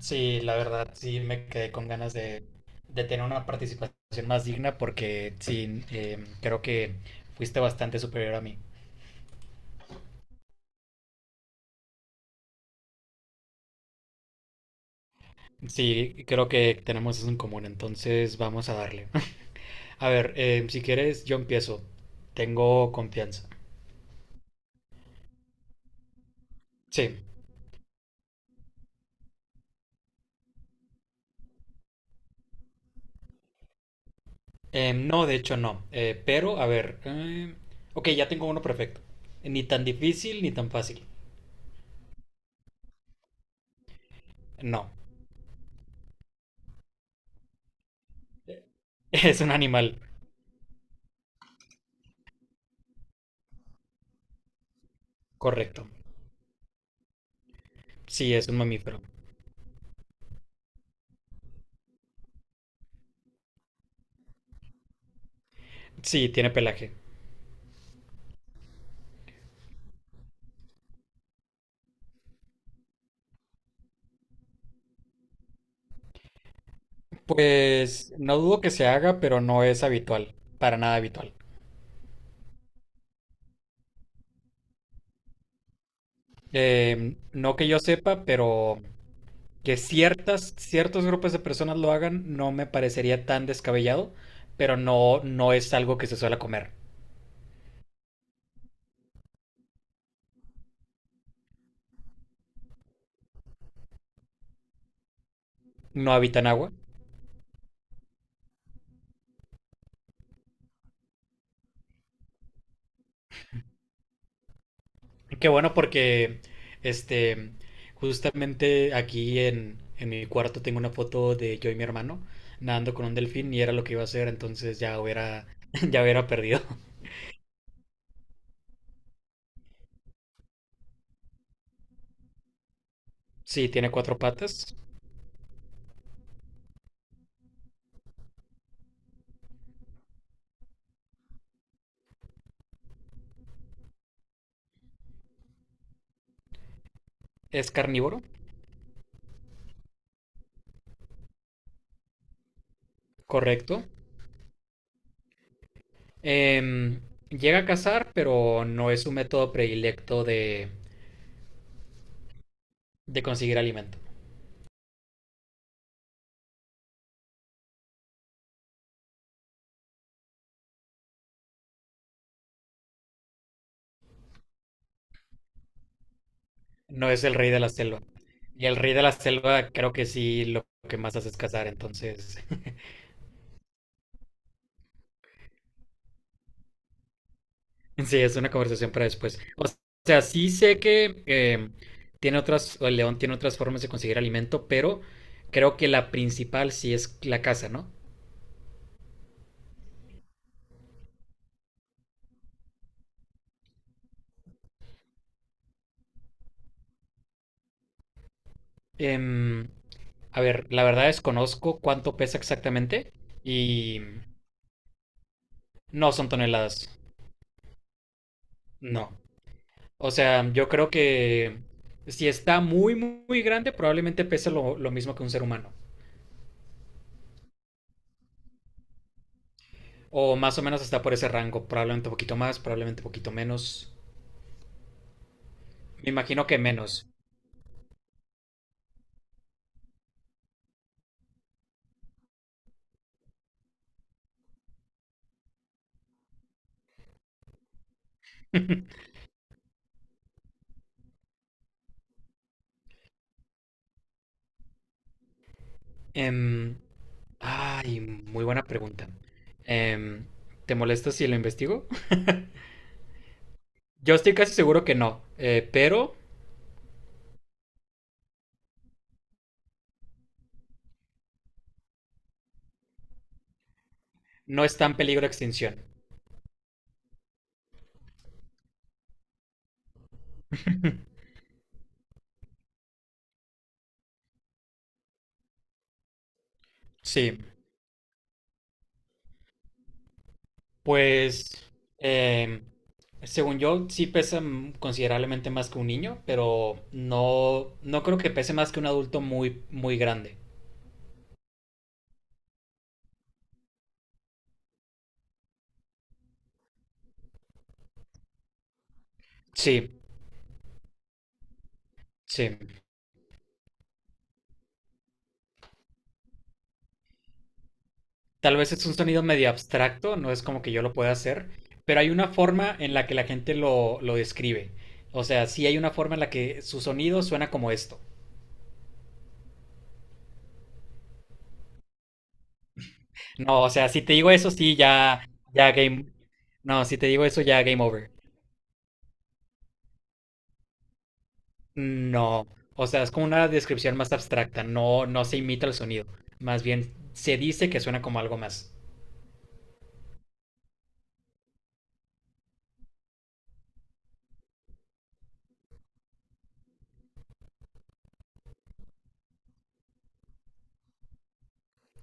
Sí, la verdad, sí me quedé con ganas de tener una participación más digna porque sí, creo que fuiste bastante superior a mí. Sí, creo que tenemos eso en común, entonces vamos a darle. A ver, si quieres, yo empiezo. Tengo confianza. Sí. No, de hecho no. Pero, a ver. Ok, ya tengo uno perfecto. Ni tan difícil ni tan fácil. No. Es un animal. Correcto. Sí, es un mamífero. Sí, tiene pelaje. Pues no dudo que se haga, pero no es habitual, para nada habitual. No que yo sepa, pero que ciertos grupos de personas lo hagan no me parecería tan descabellado, pero no, no es algo que se suele comer. No habitan agua. Qué bueno porque, este, justamente aquí en mi cuarto tengo una foto de yo y mi hermano nadando con un delfín y era lo que iba a hacer, entonces ya hubiera, ya hubiera perdido. Sí, tiene cuatro patas, es carnívoro. Correcto. Em, Llega a cazar, pero no es su método predilecto de conseguir alimento. No es el rey de la selva. Y el rey de la selva creo que sí, lo que más hace es cazar, entonces sí, es una conversación para después. O sea, sí sé que tiene otras, o el león tiene otras formas de conseguir alimento, pero creo que la principal sí es la caza, ¿no? Em, a ver, la verdad desconozco cuánto pesa exactamente y no son toneladas. No. O sea, yo creo que si está muy, muy, muy grande, probablemente pese lo mismo que un ser humano. O más o menos está por ese rango. Probablemente un poquito más, probablemente un poquito menos. Me imagino que menos. Em, ay, muy buena pregunta. Em, ¿te molesta si lo investigo? Yo estoy casi seguro que no, pero no está en peligro de extinción. Sí. Pues, eh, según yo, sí pesa mm, considerablemente más que un niño, pero no, no creo que pese más que un adulto muy, muy grande. Sí, sí. Tal vez es un sonido medio abstracto, no es como que yo lo pueda hacer, pero hay una forma en la que la gente lo describe. O sea, sí hay una forma en la que su sonido suena como esto. No, o sea, si te digo eso, sí, ya, ya game. No, si te digo eso, ya game over. No, o sea, es como una descripción más abstracta, no, no se imita el sonido, más bien se dice que suena como algo más,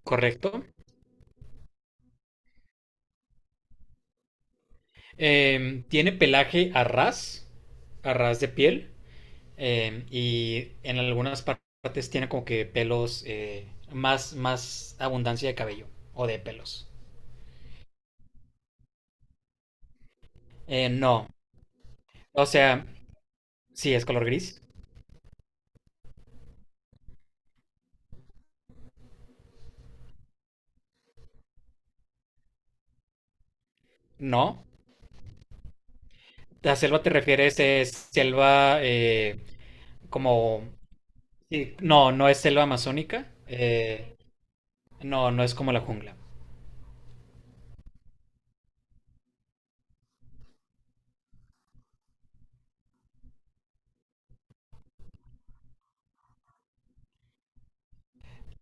¿correcto? Em, tiene pelaje a ras de piel, y en algunas partes tiene como que pelos, más, más abundancia de cabello o de pelos. No, o sea, sí, es color gris, no. La selva te refieres, es selva como sí, no, no es selva amazónica. No, no es como la jungla.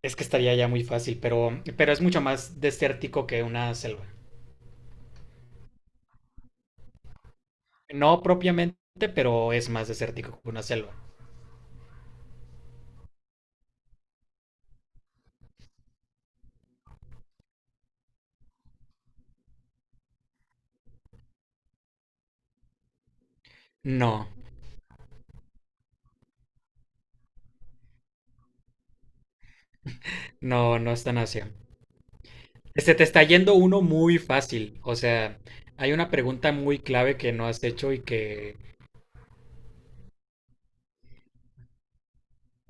Es que estaría ya muy fácil, pero es mucho más desértico que una selva. No propiamente, pero es más desértico que una selva. No, no, no es tan Asia. Se te está yendo uno muy fácil. O sea, hay una pregunta muy clave que no has hecho y que...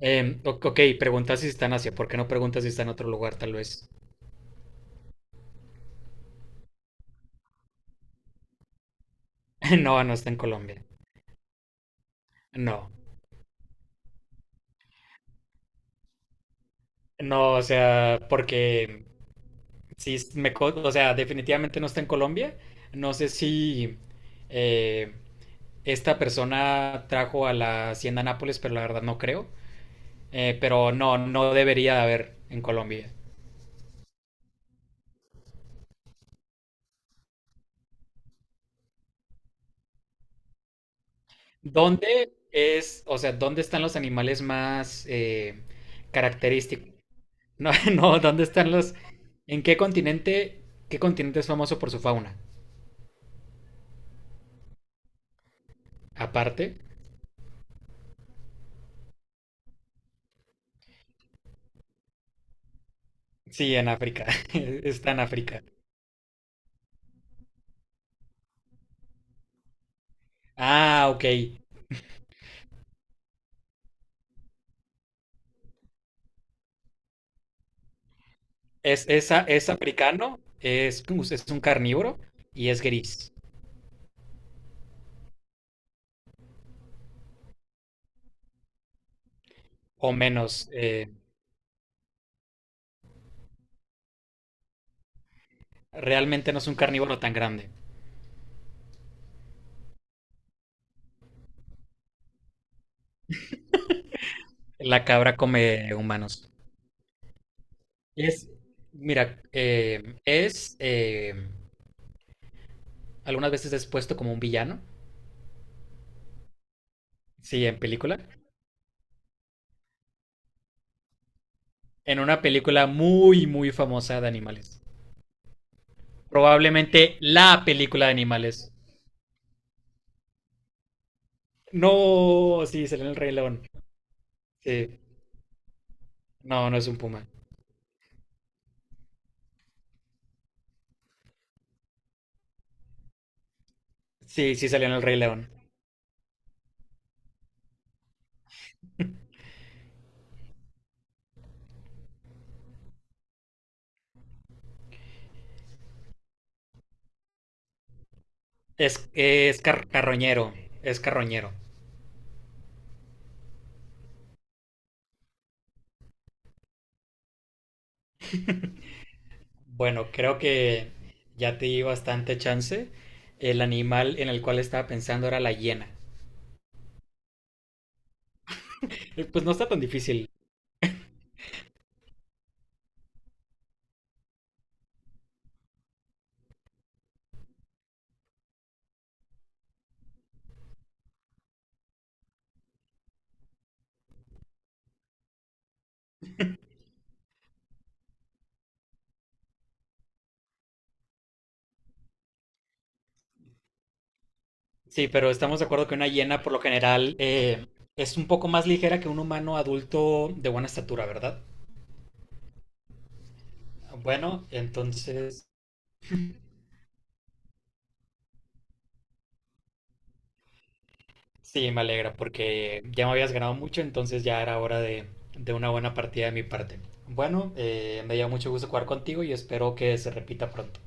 ok, preguntas si está en Asia. ¿Por qué no preguntas si está en otro lugar, tal vez? No, no está en Colombia. No. No, o sea, porque sí, o sea, definitivamente no está en Colombia. No sé si eh, esta persona trajo a la hacienda Nápoles, pero la verdad no creo. Pero no, no debería de haber en Colombia. ¿Dónde es, o sea, dónde están los animales más característicos? No, no, ¿dónde están los, en qué continente es famoso por su fauna? Aparte, sí, en África. Está en África. Ah, ok. Es africano, es un carnívoro y es gris, o menos. Realmente no es un carnívoro tan grande. La cabra come humanos. Es, mira, es algunas veces es puesto como un villano, sí, en película, en una película muy, muy famosa de animales. Probablemente la película de animales. No, sí, salió en El Rey León. Sí, no, no es un puma. Sí, sí salió en El Rey León. Es carroñero, es carroñero. Bueno, creo que ya te di bastante chance. El animal en el cual estaba pensando era la hiena. Pues no está tan difícil. Sí, pero estamos de acuerdo que una hiena por lo general es un poco más ligera que un humano adulto de buena estatura, ¿verdad? Bueno, entonces sí, me alegra porque ya me habías ganado mucho, entonces ya era hora de una buena partida de mi parte. Bueno, me dio mucho gusto jugar contigo y espero que se repita pronto.